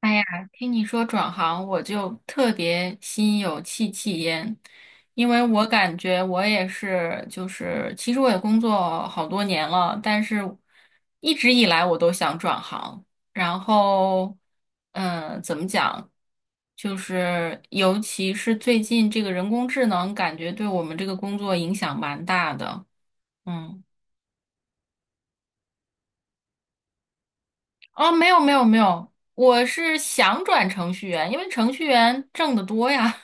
哎呀，听你说转行，我就特别心有戚戚焉，因为我感觉我也是，就是其实我也工作好多年了，但是一直以来我都想转行，然后，怎么讲，就是尤其是最近这个人工智能，感觉对我们这个工作影响蛮大的，嗯。哦，没有没有没有，我是想转程序员，因为程序员挣得多呀。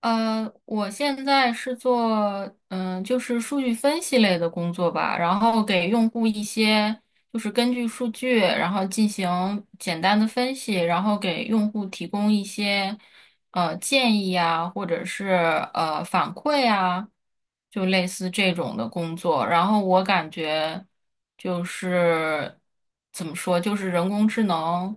我现在是做就是数据分析类的工作吧，然后给用户一些就是根据数据，然后进行简单的分析，然后给用户提供一些建议啊，或者是反馈啊，就类似这种的工作。然后我感觉就是怎么说，就是人工智能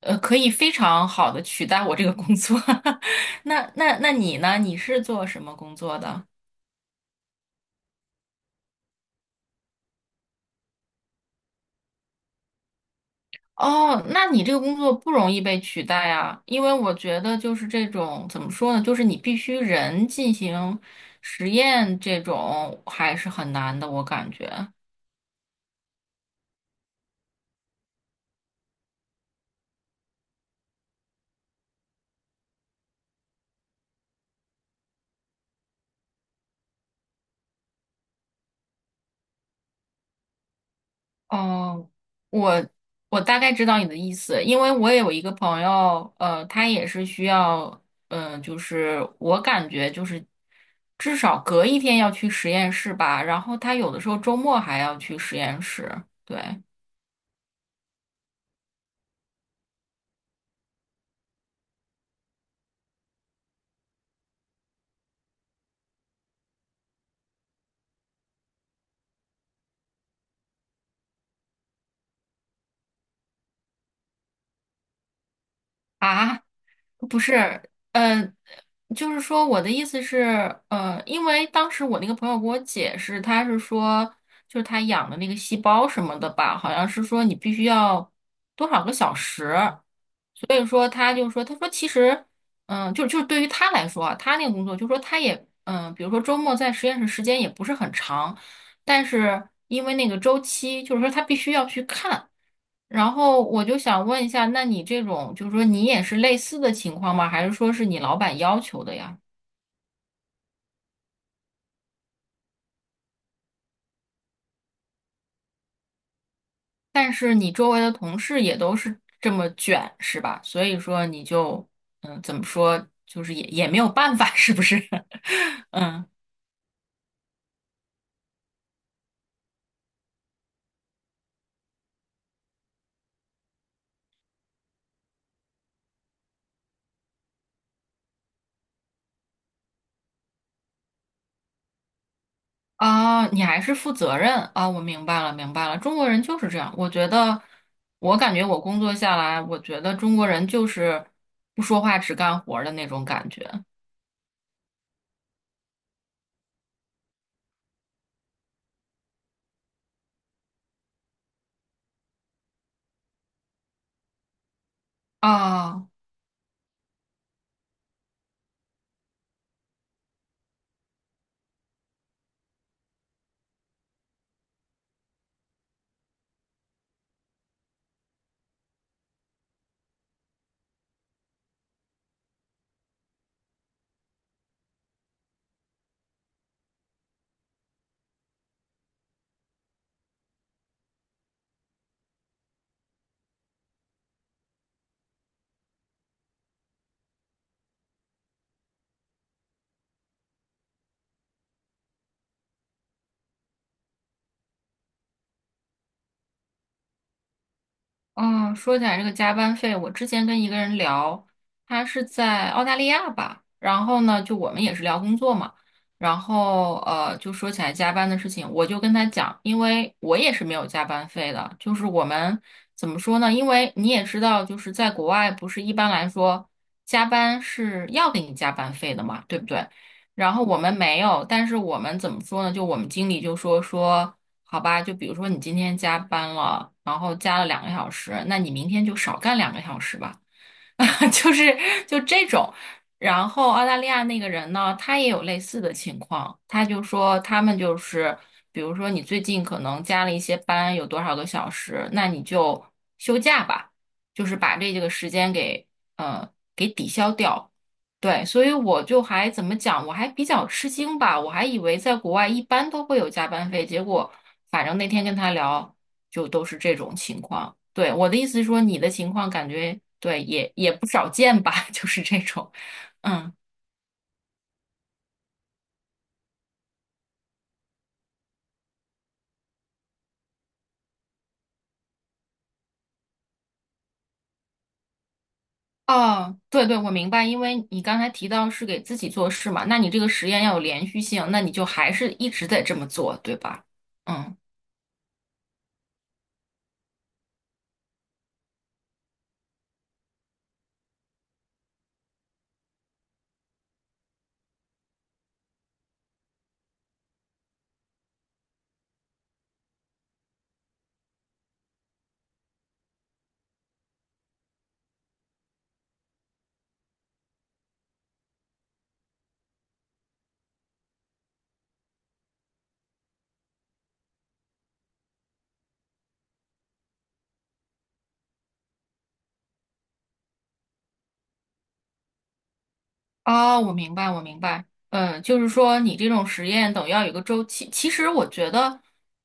可以非常好的取代我这个工作。那你呢？你是做什么工作的？哦，那你这个工作不容易被取代啊，因为我觉得就是这种怎么说呢，就是你必须人进行实验，这种还是很难的，我感觉。哦，我我大概知道你的意思，因为我也有一个朋友，他也是需要，就是我感觉就是至少隔一天要去实验室吧，然后他有的时候周末还要去实验室，对。啊，不是，呃，就是说我的意思是，因为当时我那个朋友给我解释，他是说，就是他养的那个细胞什么的吧，好像是说你必须要多少个小时，所以说他就说，他说其实，就是对于他来说啊他那个工作，就说他也，比如说周末在实验室时间也不是很长，但是因为那个周期，就是说他必须要去看。然后我就想问一下，那你这种就是说你也是类似的情况吗？还是说是你老板要求的呀？但是你周围的同事也都是这么卷，是吧？所以说你就嗯，怎么说，就是也没有办法，是不是？嗯啊，你还是负责任啊，我明白了，明白了。中国人就是这样，我觉得，我感觉我工作下来，我觉得中国人就是不说话只干活儿的那种感觉啊。嗯，说起来这个加班费，我之前跟一个人聊，他是在澳大利亚吧，然后呢，就我们也是聊工作嘛，然后就说起来加班的事情，我就跟他讲，因为我也是没有加班费的，就是我们怎么说呢？因为你也知道，就是在国外不是一般来说加班是要给你加班费的嘛，对不对？然后我们没有，但是我们怎么说呢？就我们经理就说。好吧，就比如说你今天加班了，然后加了两个小时，那你明天就少干两个小时吧，就是就这种。然后澳大利亚那个人呢，他也有类似的情况，他就说他们就是，比如说你最近可能加了一些班，有多少个小时，那你就休假吧，就是把这个时间给给抵消掉。对，所以我就还怎么讲，我还比较吃惊吧，我还以为在国外一般都会有加班费，结果反正那天跟他聊，就都是这种情况。对，我的意思是说，你的情况感觉对也不少见吧，就是这种，嗯，哦，对对，我明白，因为你刚才提到是给自己做事嘛，那你这个实验要有连续性，那你就还是一直得这么做，对吧？嗯。啊，我明白，我明白。嗯，就是说你这种实验等于要有个周期。其实我觉得，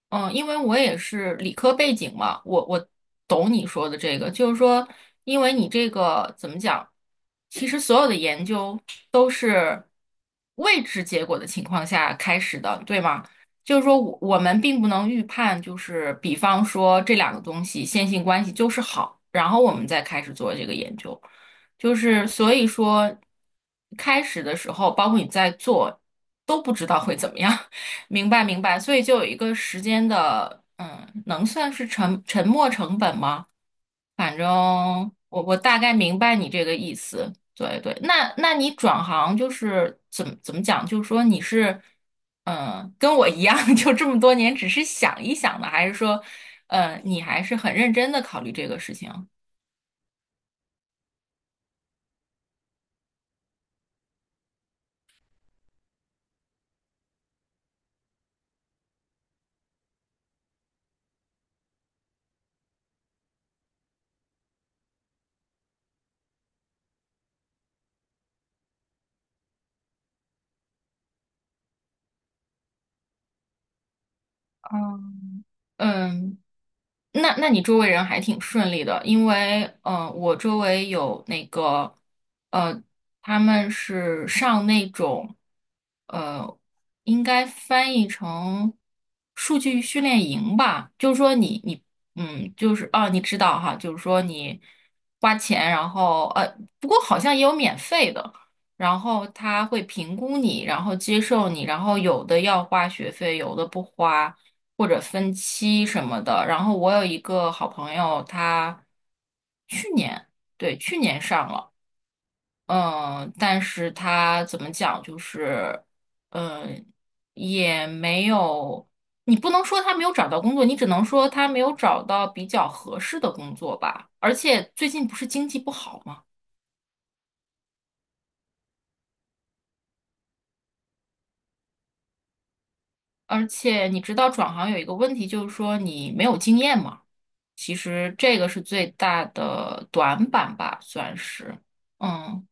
嗯，因为我也是理科背景嘛，我懂你说的这个，就是说，因为你这个怎么讲，其实所有的研究都是未知结果的情况下开始的，对吗？就是说我们并不能预判，就是比方说这两个东西线性关系就是好，然后我们再开始做这个研究。就是所以说，开始的时候，包括你在做，都不知道会怎么样，明白明白，所以就有一个时间的，嗯，能算是沉没成本吗？反正我大概明白你这个意思，对对。那那你转行就是怎么讲？就是说你是，嗯，跟我一样，就这么多年只是想一想的，还是说，你还是很认真的考虑这个事情？嗯，嗯，那那你周围人还挺顺利的，因为嗯，我周围有那个呃，他们是上那种呃，应该翻译成数据训练营吧，就是说你嗯，就是哦，你知道哈，就是说你花钱，然后不过好像也有免费的，然后他会评估你，然后接受你，然后有的要花学费，有的不花。或者分期什么的。然后我有一个好朋友，他去年，对，去年上了，嗯，但是他怎么讲，就是，嗯，也没有，你不能说他没有找到工作，你只能说他没有找到比较合适的工作吧。而且最近不是经济不好吗？而且你知道转行有一个问题，就是说你没有经验嘛。其实这个是最大的短板吧，算是。嗯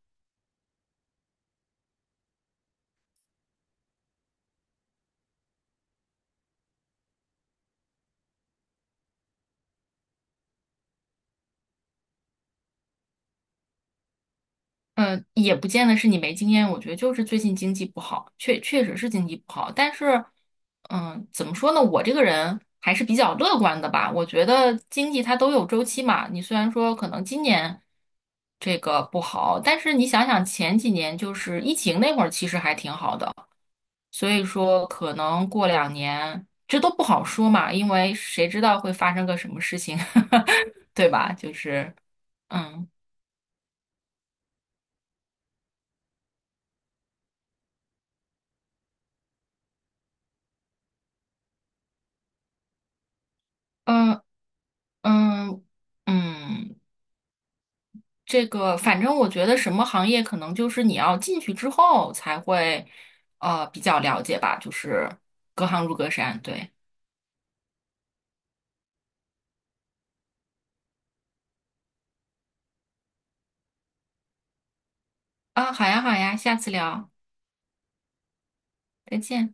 嗯，也不见得是你没经验，我觉得就是最近经济不好，确实是经济不好。但是，嗯，怎么说呢？我这个人还是比较乐观的吧。我觉得经济它都有周期嘛。你虽然说可能今年这个不好，但是你想想前几年就是疫情那会儿，其实还挺好的。所以说可能过两年，这都不好说嘛，因为谁知道会发生个什么事情，对吧？就是，嗯嗯嗯嗯，这个反正我觉得什么行业可能就是你要进去之后才会，比较了解吧，就是隔行如隔山，对啊，好呀好呀，下次聊，再见。